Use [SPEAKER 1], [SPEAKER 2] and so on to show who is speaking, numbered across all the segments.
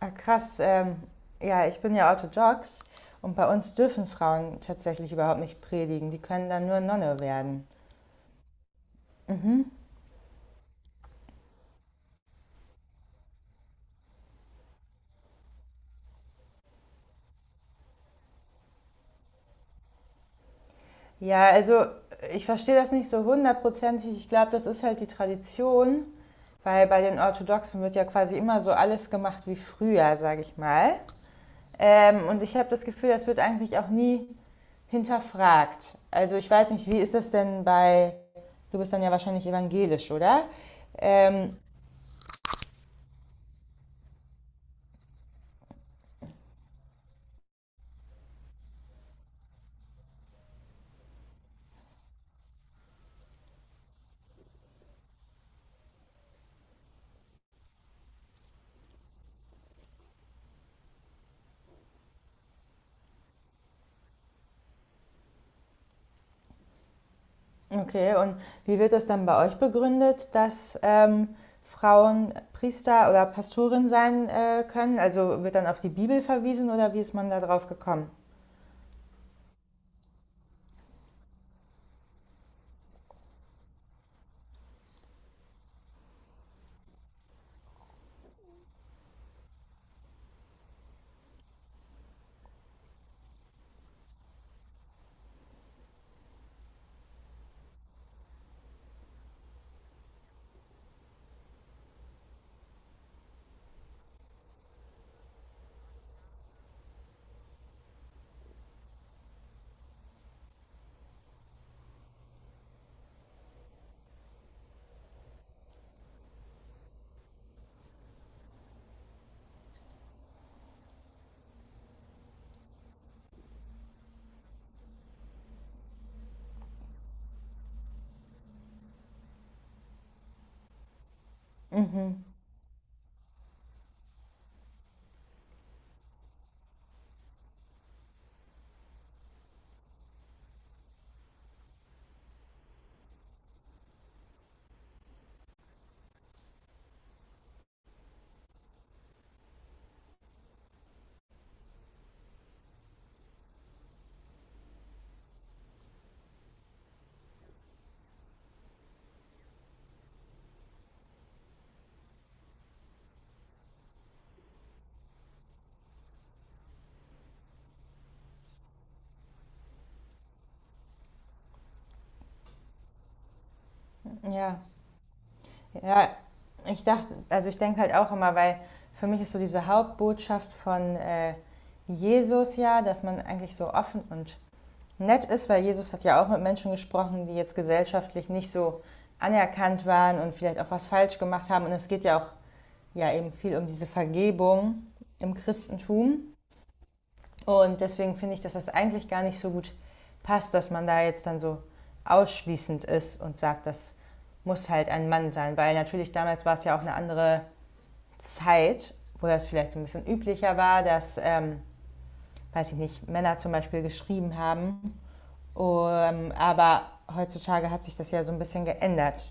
[SPEAKER 1] Ah, krass. Ja, ich bin ja orthodox und bei uns dürfen Frauen tatsächlich überhaupt nicht predigen. Die können dann nur Nonne werden. Mhm. Ja, also ich verstehe das nicht so hundertprozentig. Ich glaube, das ist halt die Tradition, weil bei den Orthodoxen wird ja quasi immer so alles gemacht wie früher, sage ich mal. Und ich habe das Gefühl, das wird eigentlich auch nie hinterfragt. Also ich weiß nicht, wie ist das denn bei, du bist dann ja wahrscheinlich evangelisch, oder? Ähm, Okay, und wie wird das dann bei euch begründet, dass Frauen Priester oder Pastorin sein können? Also wird dann auf die Bibel verwiesen oder wie ist man da drauf gekommen? Mhm. Ja, ja, ich dachte, also ich denke halt auch immer, weil für mich ist so diese Hauptbotschaft von Jesus ja, dass man eigentlich so offen und nett ist, weil Jesus hat ja auch mit Menschen gesprochen, die jetzt gesellschaftlich nicht so anerkannt waren und vielleicht auch was falsch gemacht haben. Und es geht ja auch ja eben viel um diese Vergebung im Christentum. Und deswegen finde ich, dass das eigentlich gar nicht so gut passt, dass man da jetzt dann so ausschließend ist und sagt, das muss halt ein Mann sein. Weil natürlich damals war es ja auch eine andere Zeit, wo das vielleicht so ein bisschen üblicher war, dass, weiß ich nicht, Männer zum Beispiel geschrieben haben aber heutzutage hat sich das ja so ein bisschen geändert.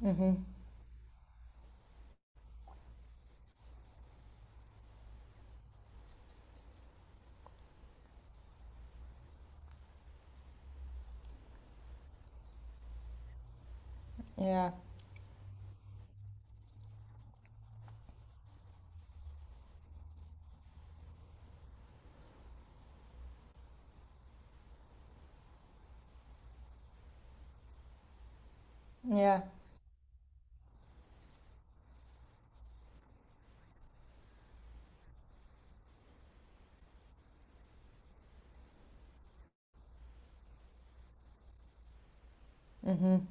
[SPEAKER 1] Mhm. Ja, ja. Mhm.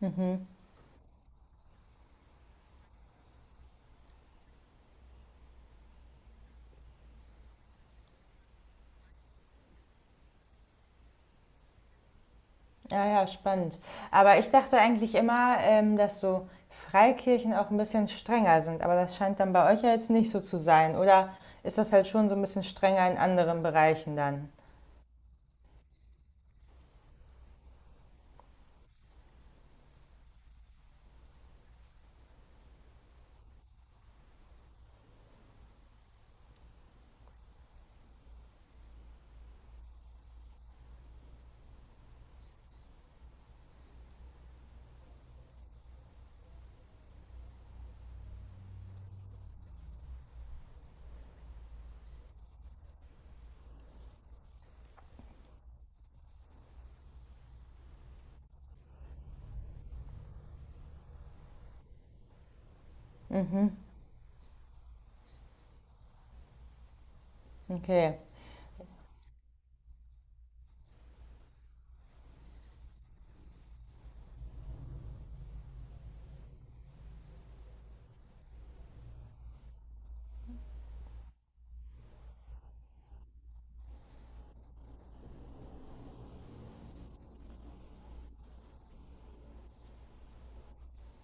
[SPEAKER 1] Mhm. Ja, ja, spannend. Aber ich dachte eigentlich immer, dass so Freikirchen auch ein bisschen strenger sind. Aber das scheint dann bei euch ja jetzt nicht so zu sein. Oder ist das halt schon so ein bisschen strenger in anderen Bereichen dann? Mhm. Okay.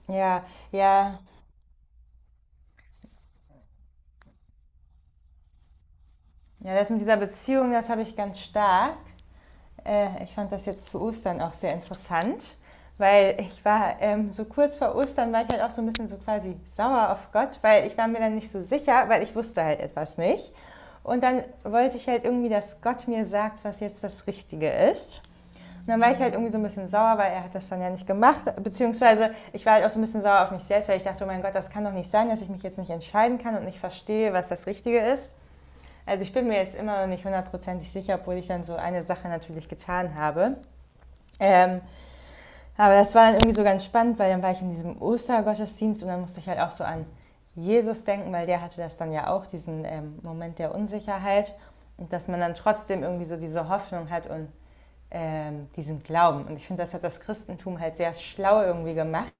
[SPEAKER 1] Ja, ja. Ja, das mit dieser Beziehung, das habe ich ganz stark. Ich fand das jetzt zu Ostern auch sehr interessant, weil ich war so kurz vor Ostern, war ich halt auch so ein bisschen so quasi sauer auf Gott, weil ich war mir dann nicht so sicher, weil ich wusste halt etwas nicht. Und dann wollte ich halt irgendwie, dass Gott mir sagt, was jetzt das Richtige ist. Und dann war ich halt irgendwie so ein bisschen sauer, weil er hat das dann ja nicht gemacht. Beziehungsweise ich war halt auch so ein bisschen sauer auf mich selbst, weil ich dachte, oh mein Gott, das kann doch nicht sein, dass ich mich jetzt nicht entscheiden kann und nicht verstehe, was das Richtige ist. Also ich bin mir jetzt immer noch nicht hundertprozentig sicher, obwohl ich dann so eine Sache natürlich getan habe. Ähm, aber das war dann irgendwie so ganz spannend, weil dann war ich in diesem Ostergottesdienst und dann musste ich halt auch so an Jesus denken, weil der hatte das dann ja auch, diesen Moment der Unsicherheit. Und dass man dann trotzdem irgendwie so diese Hoffnung hat und diesen Glauben. Und ich finde, das hat das Christentum halt sehr schlau irgendwie gemacht,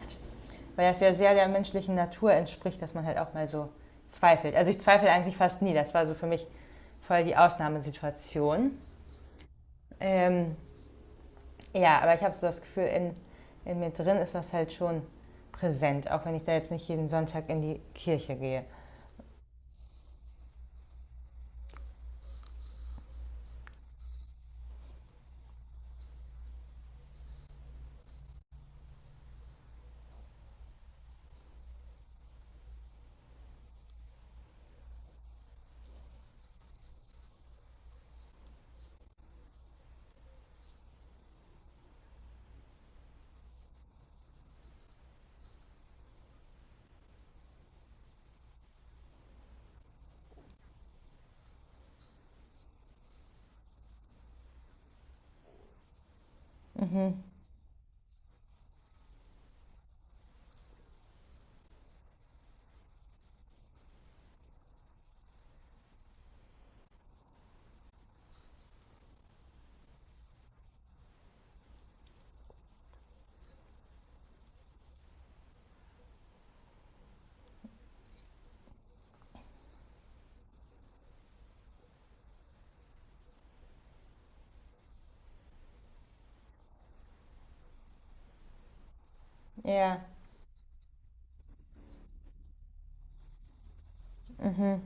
[SPEAKER 1] weil das ja sehr der menschlichen Natur entspricht, dass man halt auch mal so zweifelt. Also ich zweifle eigentlich fast nie. Das war so für mich voll die Ausnahmesituation. Ähm, ja, aber ich habe so das Gefühl, in mir drin ist das halt schon präsent, auch wenn ich da jetzt nicht jeden Sonntag in die Kirche gehe. Mhm. Ja. Mhm.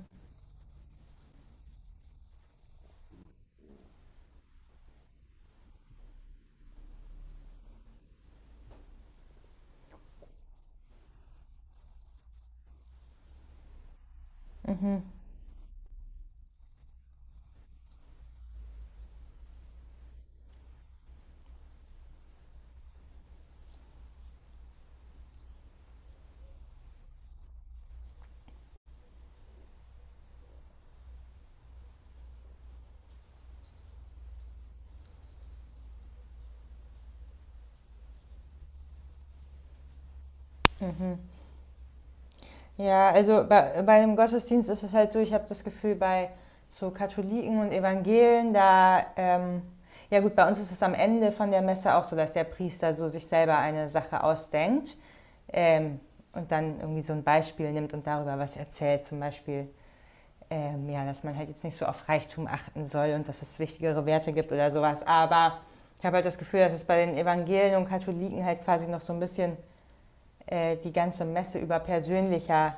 [SPEAKER 1] Mhm. Mhm. Mhm. Ja, also bei dem Gottesdienst ist es halt so, ich habe das Gefühl, bei so Katholiken und Evangelen, da, ja gut, bei uns ist es am Ende von der Messe auch so, dass der Priester so sich selber eine Sache ausdenkt, ähm, und dann irgendwie so ein Beispiel nimmt und darüber was erzählt, zum Beispiel, ja, dass man halt jetzt nicht so auf Reichtum achten soll und dass es wichtigere Werte gibt oder sowas, aber ich habe halt das Gefühl, dass es bei den Evangelien und Katholiken halt quasi noch so ein bisschen die ganze Messe über persönlicher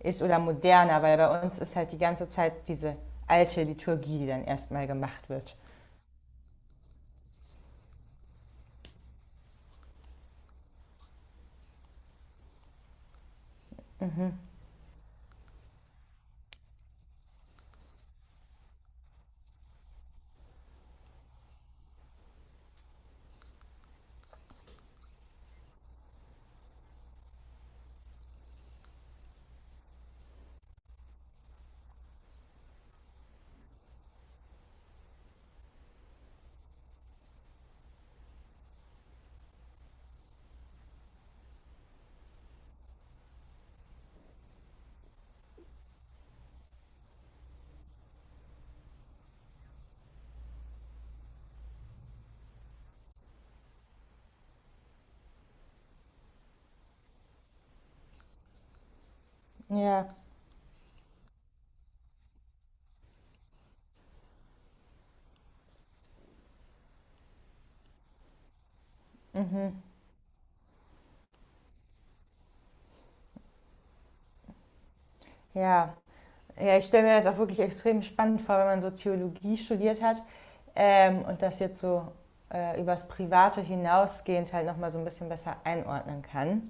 [SPEAKER 1] ist oder moderner, weil bei uns ist halt die ganze Zeit diese alte Liturgie, die dann erstmal gemacht wird. Ja, mhm. Ja. Ja, ich stelle mir das auch wirklich extrem spannend vor, wenn man so Theologie studiert hat und das jetzt so übers Private hinausgehend halt nochmal so ein bisschen besser einordnen kann.